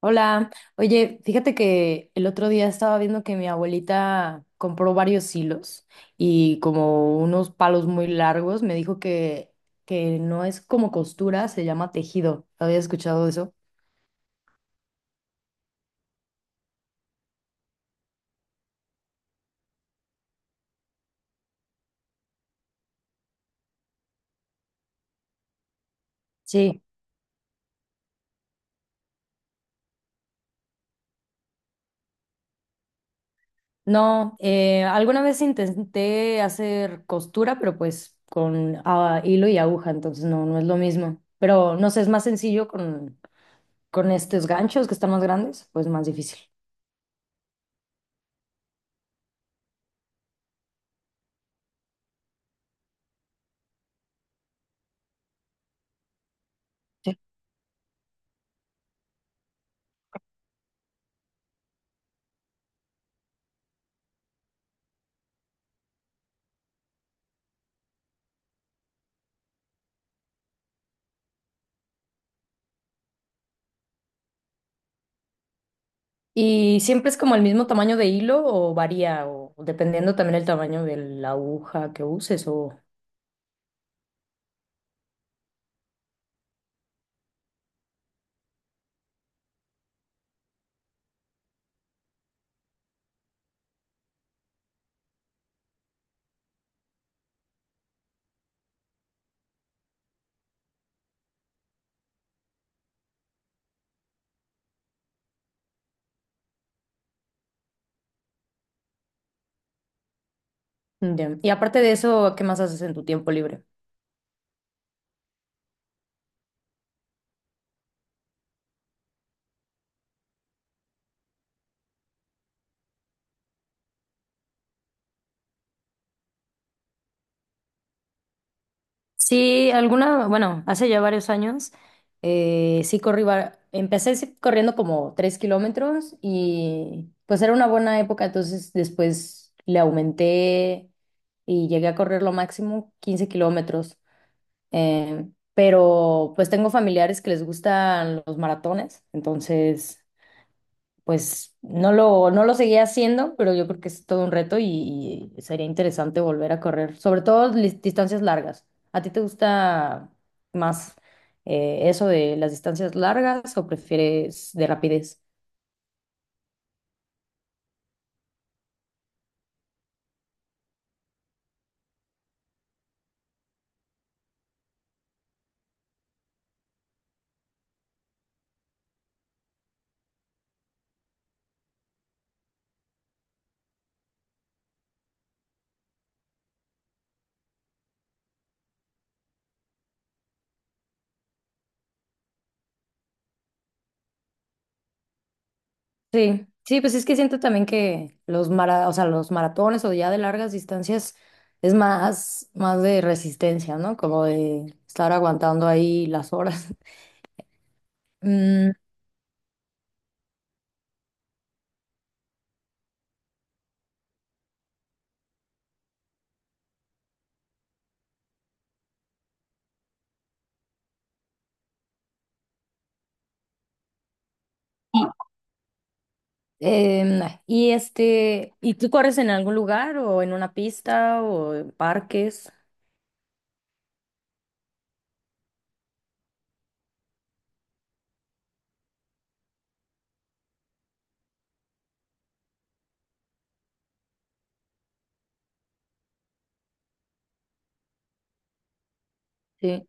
Hola, oye, fíjate que el otro día estaba viendo que mi abuelita compró varios hilos y como unos palos muy largos, me dijo que no es como costura, se llama tejido. ¿Había escuchado eso? Sí. No, alguna vez intenté hacer costura, pero pues con hilo y aguja, entonces no es lo mismo. Pero no sé, es más sencillo con estos ganchos que están más grandes, pues más difícil. ¿Y siempre es como el mismo tamaño de hilo o varía o dependiendo también el tamaño de la aguja que uses o ya. Y aparte de eso, ¿qué más haces en tu tiempo libre? Sí, alguna, bueno, hace ya varios años, sí corrí, empecé sí corriendo como 3 kilómetros y pues era una buena época, entonces después le aumenté y llegué a correr lo máximo 15 kilómetros. Eh, pero pues tengo familiares que les gustan los maratones, entonces pues no lo seguía haciendo, pero yo creo que es todo un reto y sería interesante volver a correr, sobre todo distancias largas. ¿A ti te gusta más eso de las distancias largas o prefieres de rapidez? Sí, sí, pues es que siento también que los o sea, los maratones o ya de largas distancias es más de resistencia, ¿no? Como de estar aguantando ahí las horas. Mm, em, y este, ¿y tú corres en algún lugar o en una pista o en parques? Sí.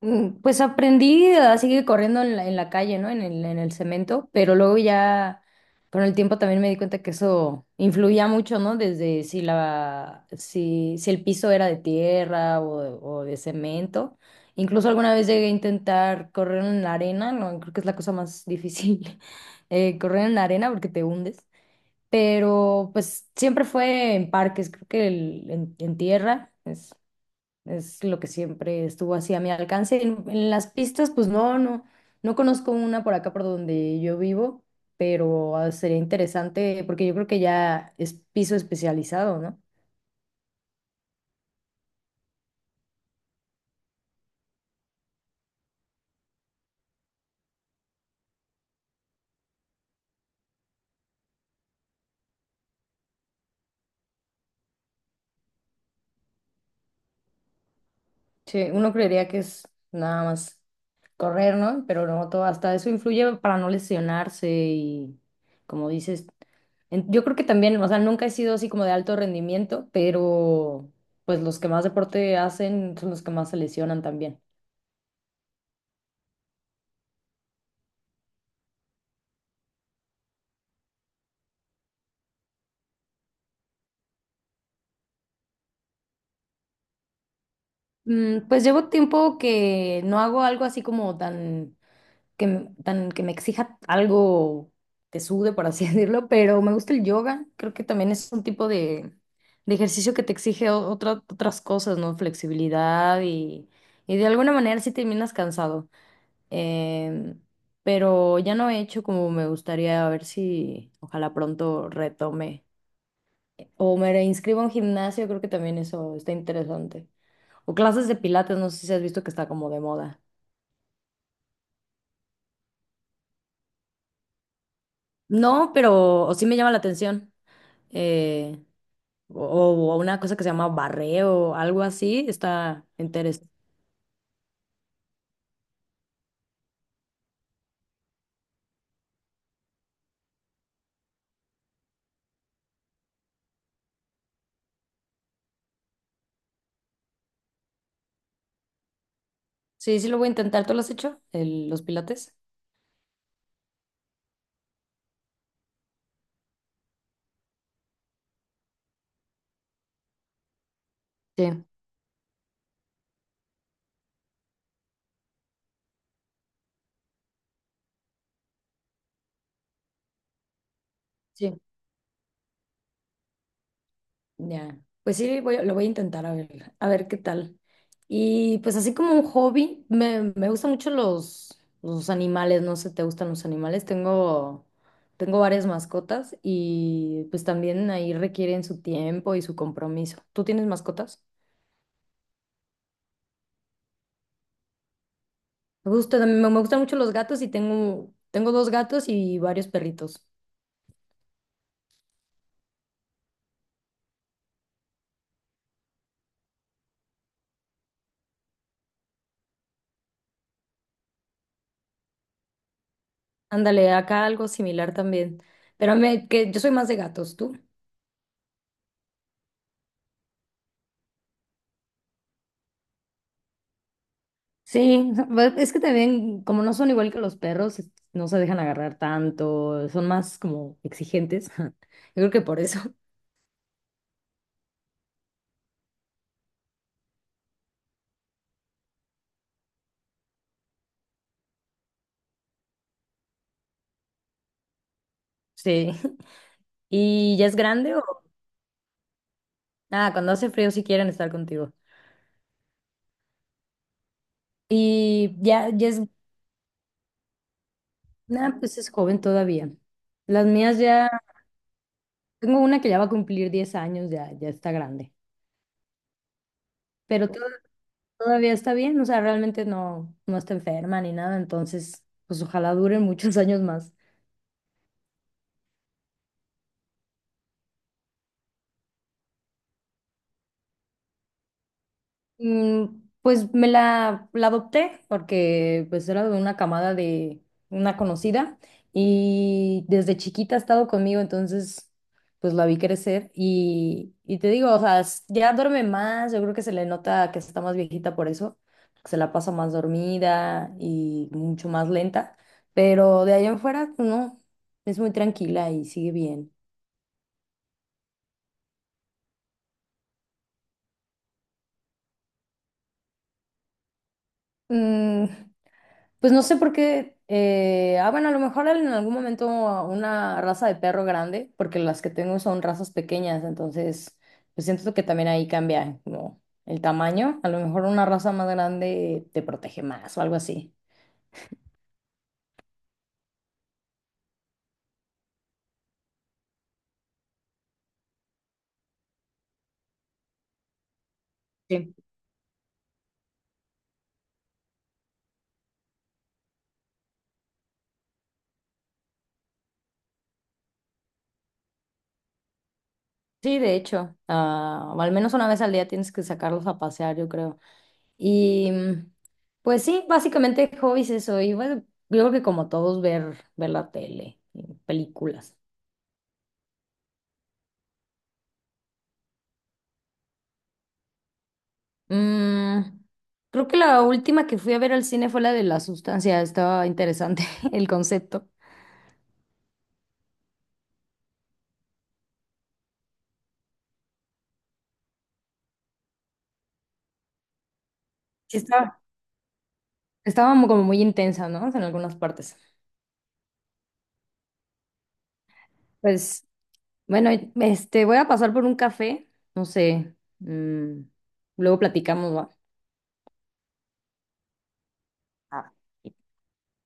Pues aprendí a seguir corriendo en la calle, ¿no? En el cemento, pero luego ya con el tiempo también me di cuenta que eso influía mucho, ¿no? Desde si la, si, si el piso era de tierra o de cemento. Incluso alguna vez llegué a intentar correr en la arena, no, creo que es la cosa más difícil, correr en la arena porque te hundes. Pero pues siempre fue en parques, creo que en tierra. Es lo que siempre estuvo así a mi alcance. En las pistas, pues no, no, no conozco una por acá por donde yo vivo, pero sería interesante porque yo creo que ya es piso especializado, ¿no? Sí, uno creería que es nada más correr, ¿no? Pero no, todo, hasta eso influye para no lesionarse y, como dices, yo creo que también, o sea, nunca he sido así como de alto rendimiento, pero pues los que más deporte hacen son los que más se lesionan también. Pues llevo tiempo que no hago algo así como tan que me exija algo que sude, por así decirlo, pero me gusta el yoga. Creo que también es un tipo de ejercicio que te exige otras cosas, ¿no? Flexibilidad y de alguna manera sí terminas cansado. Em, pero ya no he hecho como me gustaría, a ver si ojalá pronto retome. O me reinscribo a un gimnasio, creo que también eso está interesante. O clases de pilates, no sé si has visto que está como de moda. No, pero o sí me llama la atención. Eh, o, o una cosa que se llama barreo, algo así, está interesante. Sí, sí lo voy a intentar. ¿Tú lo has hecho? Los pilates. Sí. Sí. Ya, pues sí, lo voy a intentar a ver qué tal. Y pues así como un hobby, me gustan mucho los animales, no sé, ¿te gustan los animales? Tengo varias mascotas y pues también ahí requieren su tiempo y su compromiso. ¿Tú tienes mascotas? Me gustan mucho los gatos y tengo dos gatos y varios perritos. Ándale, acá algo similar también. Pero que yo soy más de gatos, ¿tú? Sí, o sea, es que también, como no son igual que los perros, no se dejan agarrar tanto, son más como exigentes. Yo creo que por eso. Sí. ¿Y ya es grande o? Ah, cuando hace frío sí quieren estar contigo. Y ya, ya es, nada, pues es joven todavía. Las mías ya, tengo una que ya va a cumplir 10 años, ya, ya está grande. Pero todavía está bien, o sea, realmente no está enferma ni nada, entonces, pues ojalá duren muchos años más. Pues me la adopté porque pues era de una camada de una conocida y desde chiquita ha estado conmigo, entonces pues la vi crecer y te digo, o sea, ya duerme más, yo creo que se le nota que está más viejita por eso, que se la pasa más dormida y mucho más lenta, pero de ahí en fuera no, es muy tranquila y sigue bien. Mm, Pues no sé por qué. Bueno, a lo mejor en algún momento una raza de perro grande, porque las que tengo son razas pequeñas, entonces pues siento que también ahí cambia como el tamaño. A lo mejor una raza más grande te protege más o algo así. Sí. Sí, de hecho, o al menos una vez al día tienes que sacarlos a pasear, yo creo. Y pues sí, básicamente hobbies eso. Y bueno, yo creo que como todos ver la tele, y películas. Mm, Creo que la última que fui a ver al cine fue la de La Sustancia. Estaba interesante el concepto. Sí, estaba como muy intensa, ¿no? En algunas partes. Pues, bueno, este, voy a pasar por un café. No sé. Luego platicamos, ¿va? Ah,